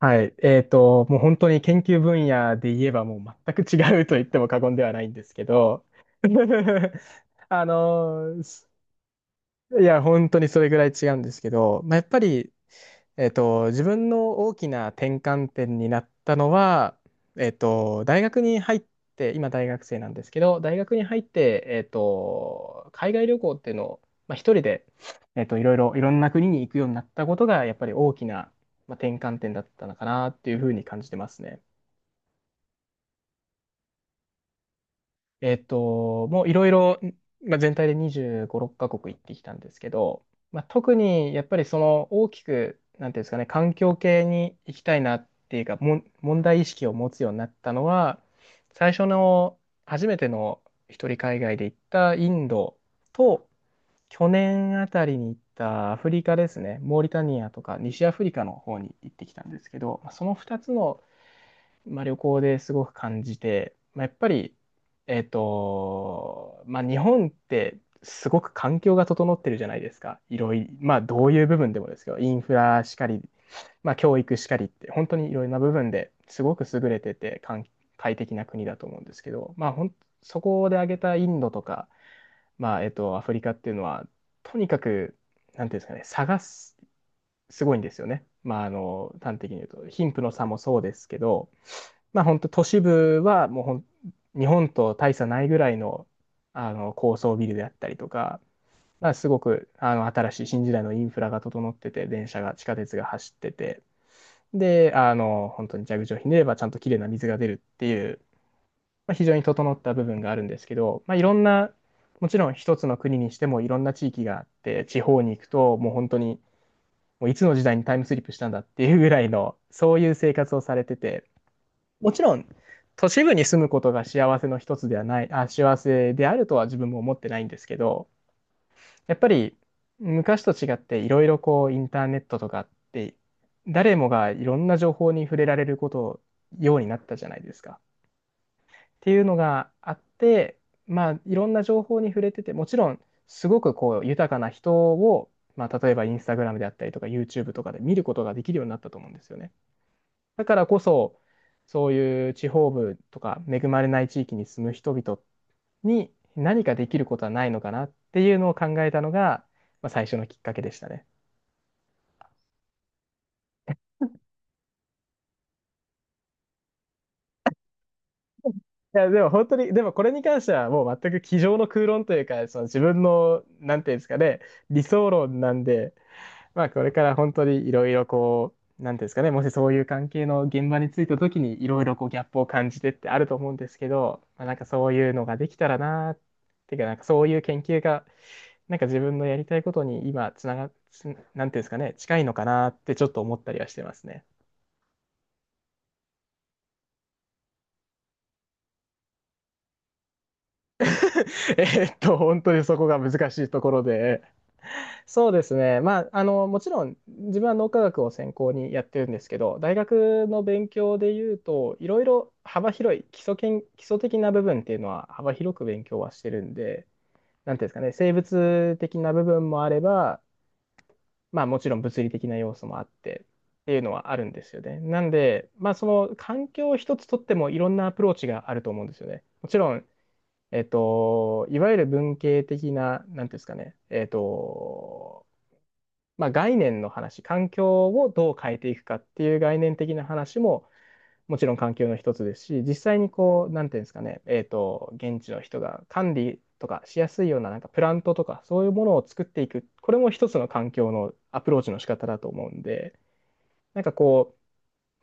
はい。もう本当に研究分野で言えばもう全く違うと言っても過言ではないんですけど、あの、すいや、本当にそれぐらい違うんですけど、まあ、やっぱり自分の大きな転換点になったのは、大学に入って、今大学生なんですけど、大学に入って、海外旅行っていうのを、まあ、一人で、いろいろ、いろんな国に行くようになったことが、やっぱり大きな、まあ、転換点だったのかなっていうふうに感じてますね。もういろいろ、まあ、全体で25、6カ国行ってきたんですけど、まあ、特にやっぱりその大きく、なんていうんですかね、環境系に行きたいなっていうか、問題意識を持つようになったのは、最初の初めての一人海外で行ったインドと、去年あたりに行ったアフリカですね、モーリタニアとか西アフリカの方に行ってきたんですけど、まあその2つのまあ、旅行ですごく感じて、まあ、やっぱり、まあ、日本ってすごく環境が整ってるじゃないですか。いろいろ、まあ、どういう部分でもですけど、インフラしかり、まあ、教育しかりって、本当にいろいろな部分ですごく優れてて、快適な国だと思うんですけど、そこで挙げたインドとか、まあ、アフリカっていうのは、とにかく、なんていうんですかね、すごいんですよね。まあ、あの、端的に言うと、貧富の差もそうですけど、まあ、本当都市部はもう日本と大差ないぐらいの、あの高層ビルであったりとか、まあ、すごくあの新しい新時代のインフラが整ってて、電車が、地下鉄が走ってて、で、あの、本当に蛇口をひねればちゃんときれいな水が出るっていう、まあ、非常に整った部分があるんですけど、まあ、いろんな、もちろん一つの国にしてもいろんな地域があって、地方に行くともう本当にもういつの時代にタイムスリップしたんだっていうぐらいの、そういう生活をされてて、もちろん、都市部に住むことが幸せの一つではない、あ、幸せであるとは自分も思ってないんですけど、やっぱり昔と違っていろいろこうインターネットとかって、誰もがいろんな情報に触れられることようになったじゃないですか。っていうのがあって、まあ、いろんな情報に触れてて、もちろん、すごくこう、豊かな人を、まあ、例えばインスタグラムであったりとか、YouTube とかで見ることができるようになったと思うんですよね。だからこそ、そういう地方部とか、恵まれない地域に住む人々に何かできることはないのかなっていうのを考えたのが、まあ、最初のきっかけでしたね。いや、でも本当に、でもこれに関してはもう全く机上の空論というか、その自分の、なんていうんですかね、理想論なんで、まあ、これから本当にいろいろこう、なんていうんですかね、もしそういう関係の現場についた時にいろいろこうギャップを感じてってあると思うんですけど、まあ、なんかそういうのができたらなーっていうか、なんかそういう研究が、なんか自分のやりたいことに今つなが、つなんていうんですかね、近いのかなーってちょっと思ったりはしてますね。えーっと、本当にそこが難しいところで、そうですね。まあ、あの、もちろん自分は脳科学を専攻にやってるんですけど、大学の勉強で言うと、いろいろ幅広い基礎的な部分っていうのは幅広く勉強はしてるんで、なんていうんですかね、生物的な部分もあれば、まあもちろん物理的な要素もあってっていうのはあるんですよね。なんで、まあその環境一つとってもいろんなアプローチがあると思うんですよね。もちろん、いわゆる文系的な、なんていうんですかね、まあ、概念の話、環境をどう変えていくかっていう概念的な話ももちろん環境の一つですし、実際にこう、なんていうんですかね、現地の人が管理とかしやすいようななんかプラントとかそういうものを作っていく、これも一つの環境のアプローチの仕方だと思うんで、なんかこう、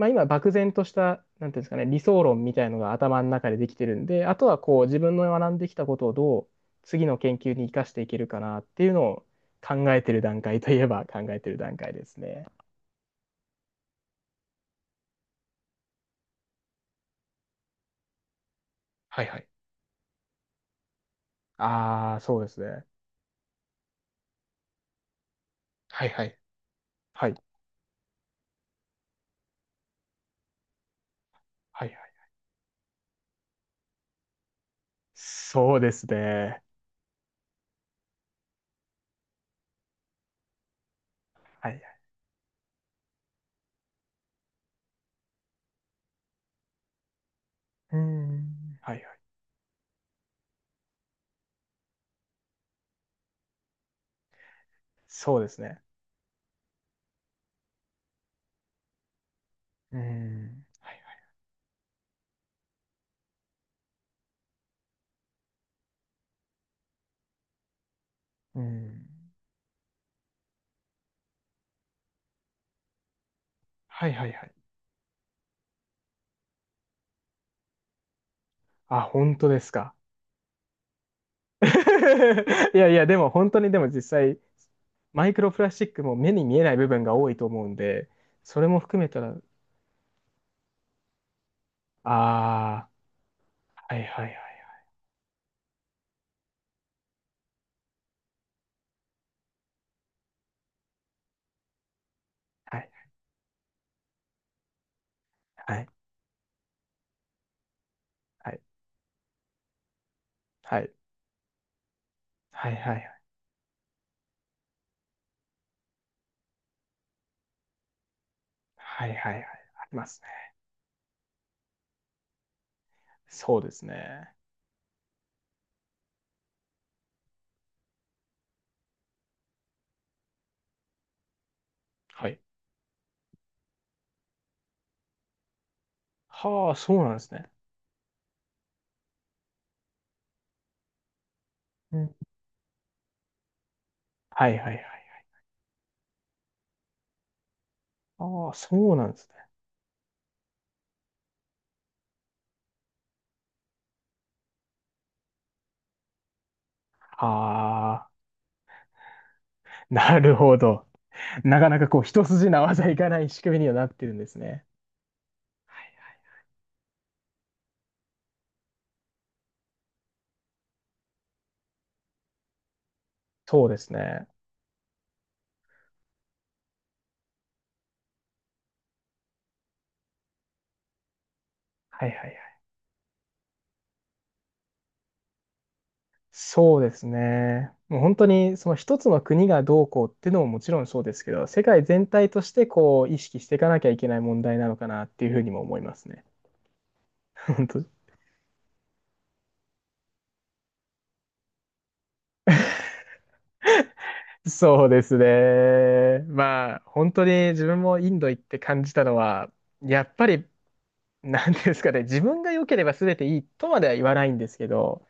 まあ、今、漠然とした、なんていうんですかね、理想論みたいのが頭の中でできてるんで、あとはこう、自分の学んできたことをどう次の研究に生かしていけるかなっていうのを考えてる段階といえば考えてる段階ですね。はいはい。ああ、そうですね。はいはい。はい。はいはい。そうですね。はいはい。うーん。はい。はい。そうですね。うーん。はいはい。うーん。はいはいはい。あ、本当ですか。いやいや、でも本当にでも実際、マイクロプラスチックも目に見えない部分が多いと思うんで、それも含めたら、ああ、はいはいはいはい、はい、はい、はい、はい、はい、はい、はい、はい、はい、ありますね。そうですね。はい。はあ、そうなんですね。うん。はいはいはい。ああ、そうなんですね。ああ、なるほど。なかなかこう、一筋縄じゃいかない仕組みにはなってるんですね。そうですね。はいはい。そうですね。もう本当にその一つの国がどうこうっていうのももちろんそうですけど、世界全体としてこう意識していかなきゃいけない問題なのかなっていうふうにも思いますね。本当に。そうですね。まあ本当に自分もインド行って感じたのは、やっぱりなんていうんですかね、自分が良ければ全ていいとまでは言わないんですけど、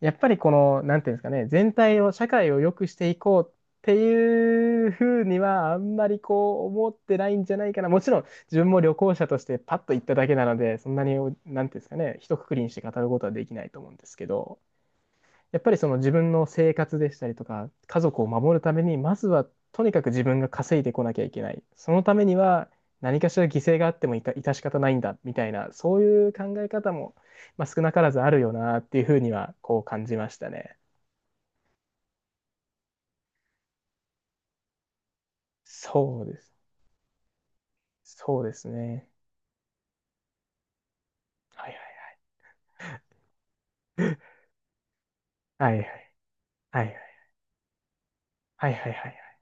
やっぱりこの、なんていうんですかね、全体を、社会を良くしていこうっていうふうには、あんまりこう思ってないんじゃないかな。もちろん、自分も旅行者としてパッと行っただけなので、そんなに、なんていうんですかね、一括りにして語ることはできないと思うんですけど。やっぱりその自分の生活でしたりとか、家族を守るために、まずはとにかく自分が稼いでこなきゃいけない。そのためには何かしら犠牲があってもいた、致し方ないんだ、みたいな、そういう考え方も、まあ、少なからずあるよな、っていうふうには、こう感じましたね。そうです。そうですね。はいはいはいはいはいはいはいはいはいはい、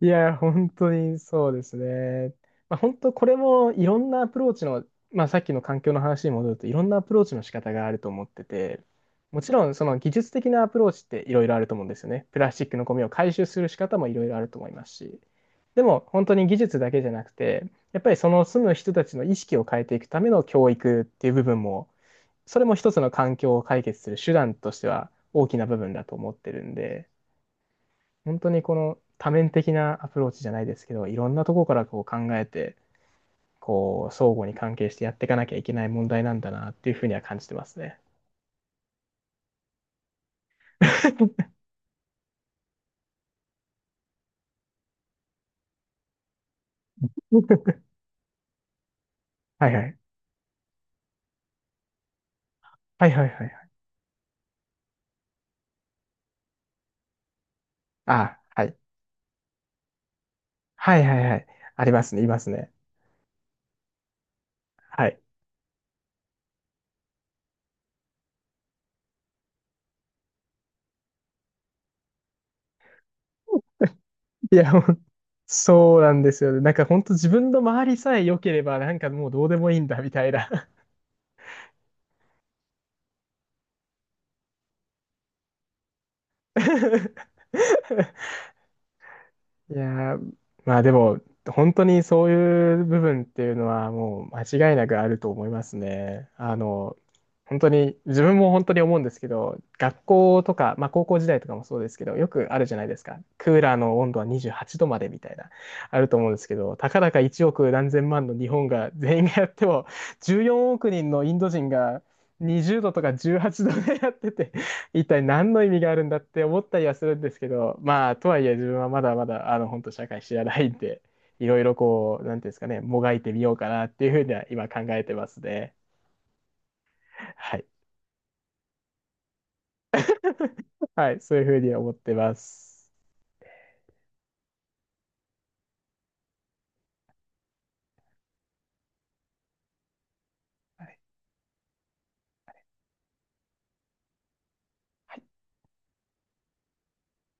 いや、本当にそうですね。まあ、本当これもいろんなアプローチの、まあ、さっきの環境の話に戻るといろんなアプローチの仕方があると思ってて、もちろんその技術的なアプローチっていろいろあると思うんですよね。プラスチックのゴミを回収する仕方もいろいろあると思いますし。でも本当に技術だけじゃなくて、やっぱりその住む人たちの意識を変えていくための教育っていう部分も、それも一つの環境を解決する手段としては大きな部分だと思ってるんで。本当にこの多面的なアプローチじゃないですけど、いろんなところからこう考えて、こう、相互に関係してやっていかなきゃいけない問題なんだなっていうふうには感じてますね。はいはい。はいはいはいはい。あ、はい。はいはいはい。ありますね、いますね。はい。いや、もうそうなんですよね。なんか本当自分の周りさえ良ければ、なんかもうどうでもいいんだみたいな。いやー、まあでも、本当にそういう部分っていうのはもう間違いなくあると思いますね。あの、本当に、自分も本当に思うんですけど、学校とか、まあ高校時代とかもそうですけど、よくあるじゃないですか。クーラーの温度は28度までみたいな、あると思うんですけど、たかだか1億何千万の日本が全員がやっても、14億人のインド人が20度とか18度でやってて、一体何の意味があるんだって思ったりはするんですけど、まあ、とはいえ自分はまだまだ、あの、本当社会知らないんで、いろいろこう、なんていうんですかね、もがいてみようかなっていうふうには今考えてますね。はい。はい、そういうふうに思ってます。